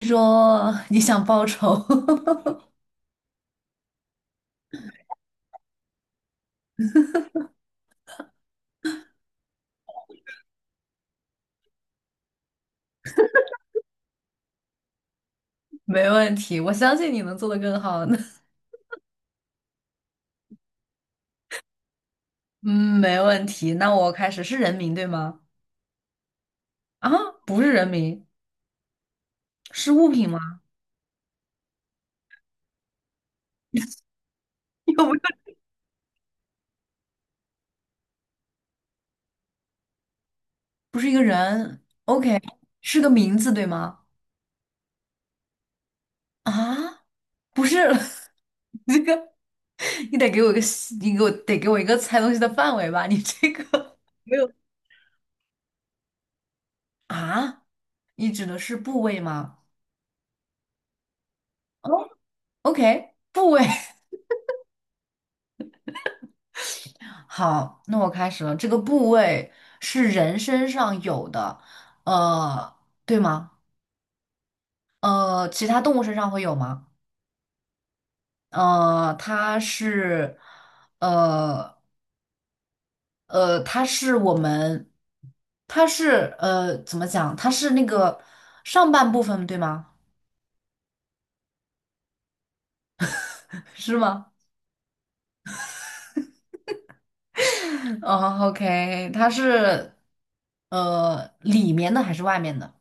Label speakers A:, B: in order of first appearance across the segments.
A: 说你想报仇。没问题，我相信你能做得更好的。嗯，没问题。那我开始是人名对吗？啊，不是人名，是物品吗？有没有？不是一个人。OK,是个名字对吗？啊，不是，你这个你得给我一个猜东西的范围吧？你这个没有，啊，你指的是部位吗？OK,部位。好，那我开始了。这个部位是人身上有的，呃，对吗？其他动物身上会有吗？它是，呃它是我们，它是怎么讲？它是那个上半部分，对吗？是吗？哦，OK,它是里面的还是外面的？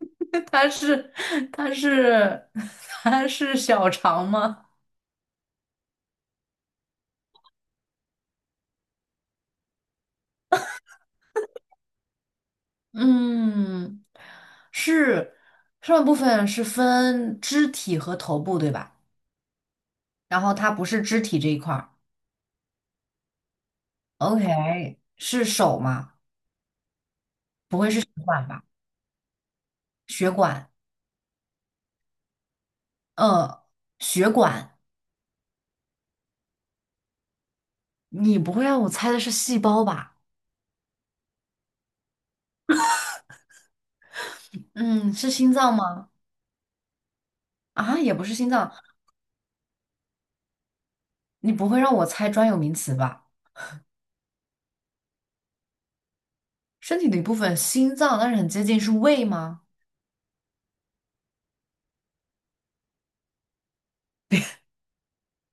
A: 它是它是 它是小肠吗？嗯，是上半部分是分肢体和头部，对吧？然后它不是肢体这一块儿，OK,是手吗？血管吧，血管，呃，血管，你不会让我猜的是细胞吧？嗯，是心脏吗？啊，也不是心脏，你不会让我猜专有名词吧？身体的一部分，心脏，但是很接近，是胃吗？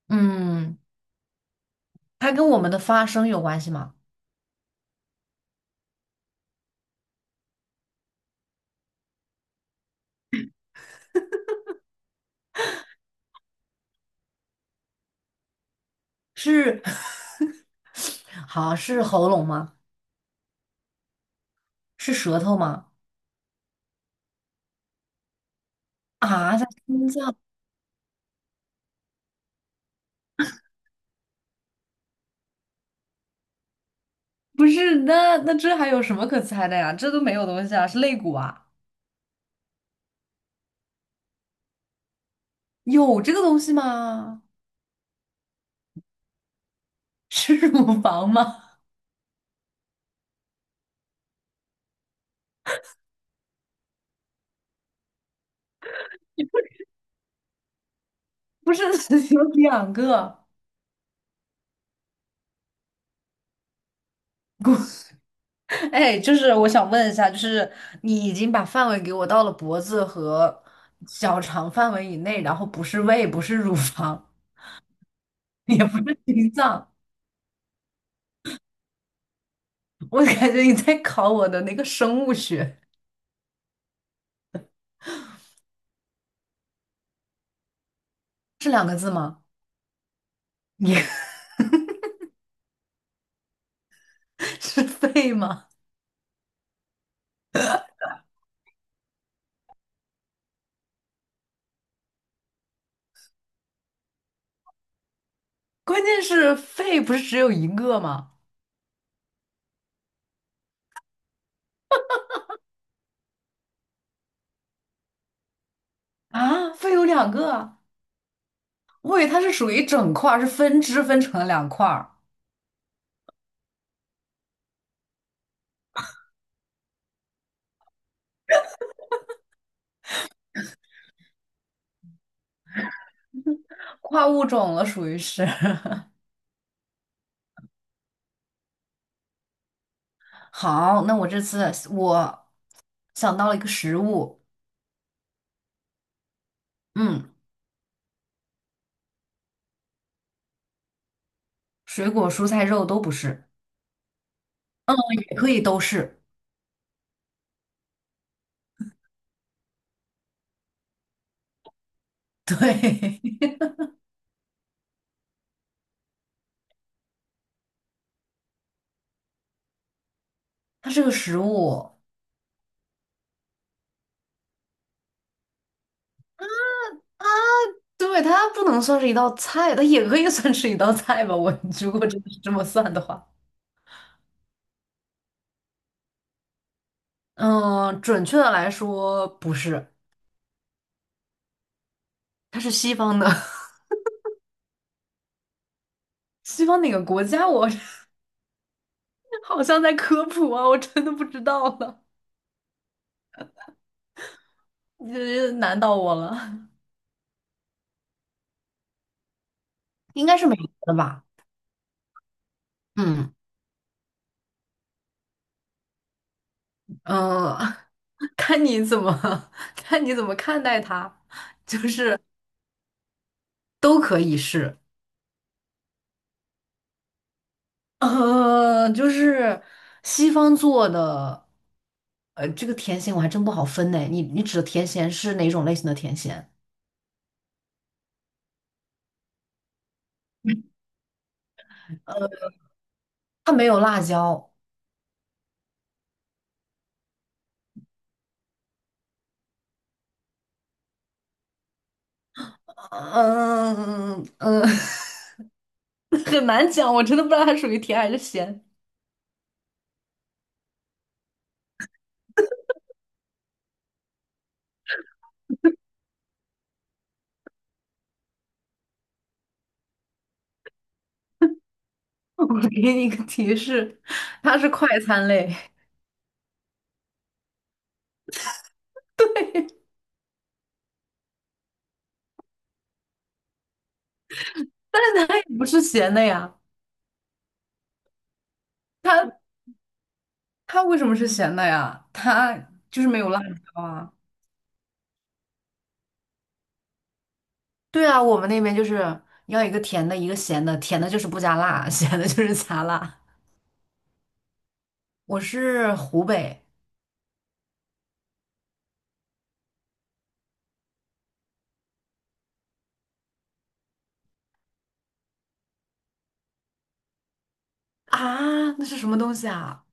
A: 嗯，它跟我们的发声有关系吗？是。 好，是喉咙吗？是舌头吗？啊，在心脏？不是，那这还有什么可猜的呀？这都没有东西啊，是肋骨啊？有这个东西吗？是乳房吗？不是，有两个骨。哎，就是我想问一下，就是你已经把范围给我到了脖子和小肠范围以内，然后不是胃，不是乳房，也不是心脏，我感觉你在考我的那个生物学。是两个字吗？你 是肺吗？关键是肺不是只有一个吗？啊，肺有两个啊，我以为它是属于一整块儿，是分支分成了两块儿，跨物种了，属于是。好，那我这次我想到了一个食物，嗯，水果、蔬菜、肉都不是，也可以都是，它是个食物。对，它不能算是一道菜，它也可以算是一道菜吧。我如果真的是这么算的话，嗯，准确的来说不是。它是西方的，西方哪个国家？我 好像在科普啊，我真的不知道了，你这难到我了。应该是美国的吧？嗯嗯，呃 看你怎么 看你怎么看待它，就是都可以是，就是西方做的，这个甜咸我还真不好分呢。你指的甜咸是哪种类型的甜咸？呃，它没有辣椒，呃嗯嗯嗯。很难讲，我真的不知道它属于甜还是咸。我给你一个提示，它是快餐类，它也不是咸的呀。它它为什么是咸的呀？它就是没有辣椒啊。对啊，我们那边就是要一个甜的，一个咸的，甜的就是不加辣，咸的就是加辣。我是湖北啊，那是什么东西啊？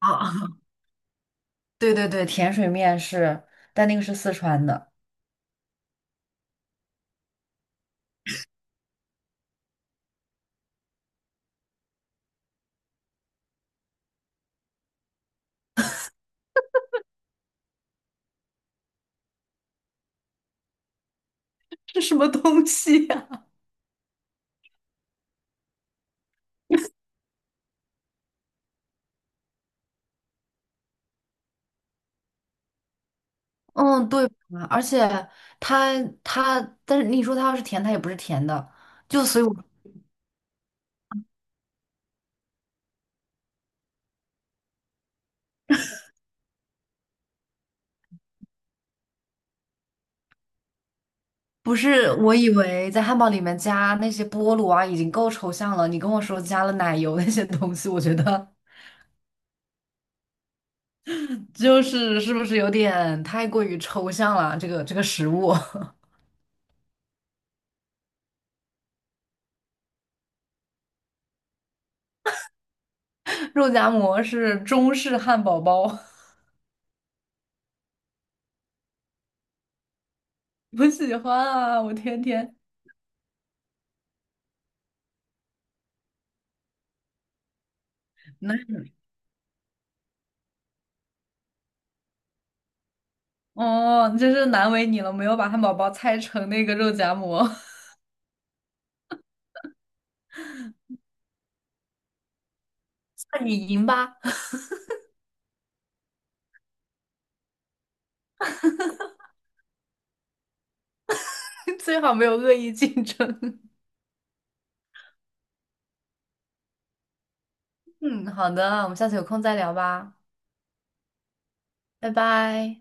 A: 啊，对对对，甜水面是，但那个是四川的。是什么东西呀、嗯，对吧，而且它它，但是你说它要是甜，它也不是甜的，就所以我不是我以为在汉堡里面加那些菠萝啊已经够抽象了，你跟我说加了奶油那些东西，我觉得就是是不是有点太过于抽象了？这个食物，肉夹馍是中式汉堡包，我喜欢啊，我天天难哦，真是难为你了，没有把汉堡包拆成那个肉夹馍，那你赢吧。最好没有恶意竞争。嗯，好的，我们下次有空再聊吧，拜拜。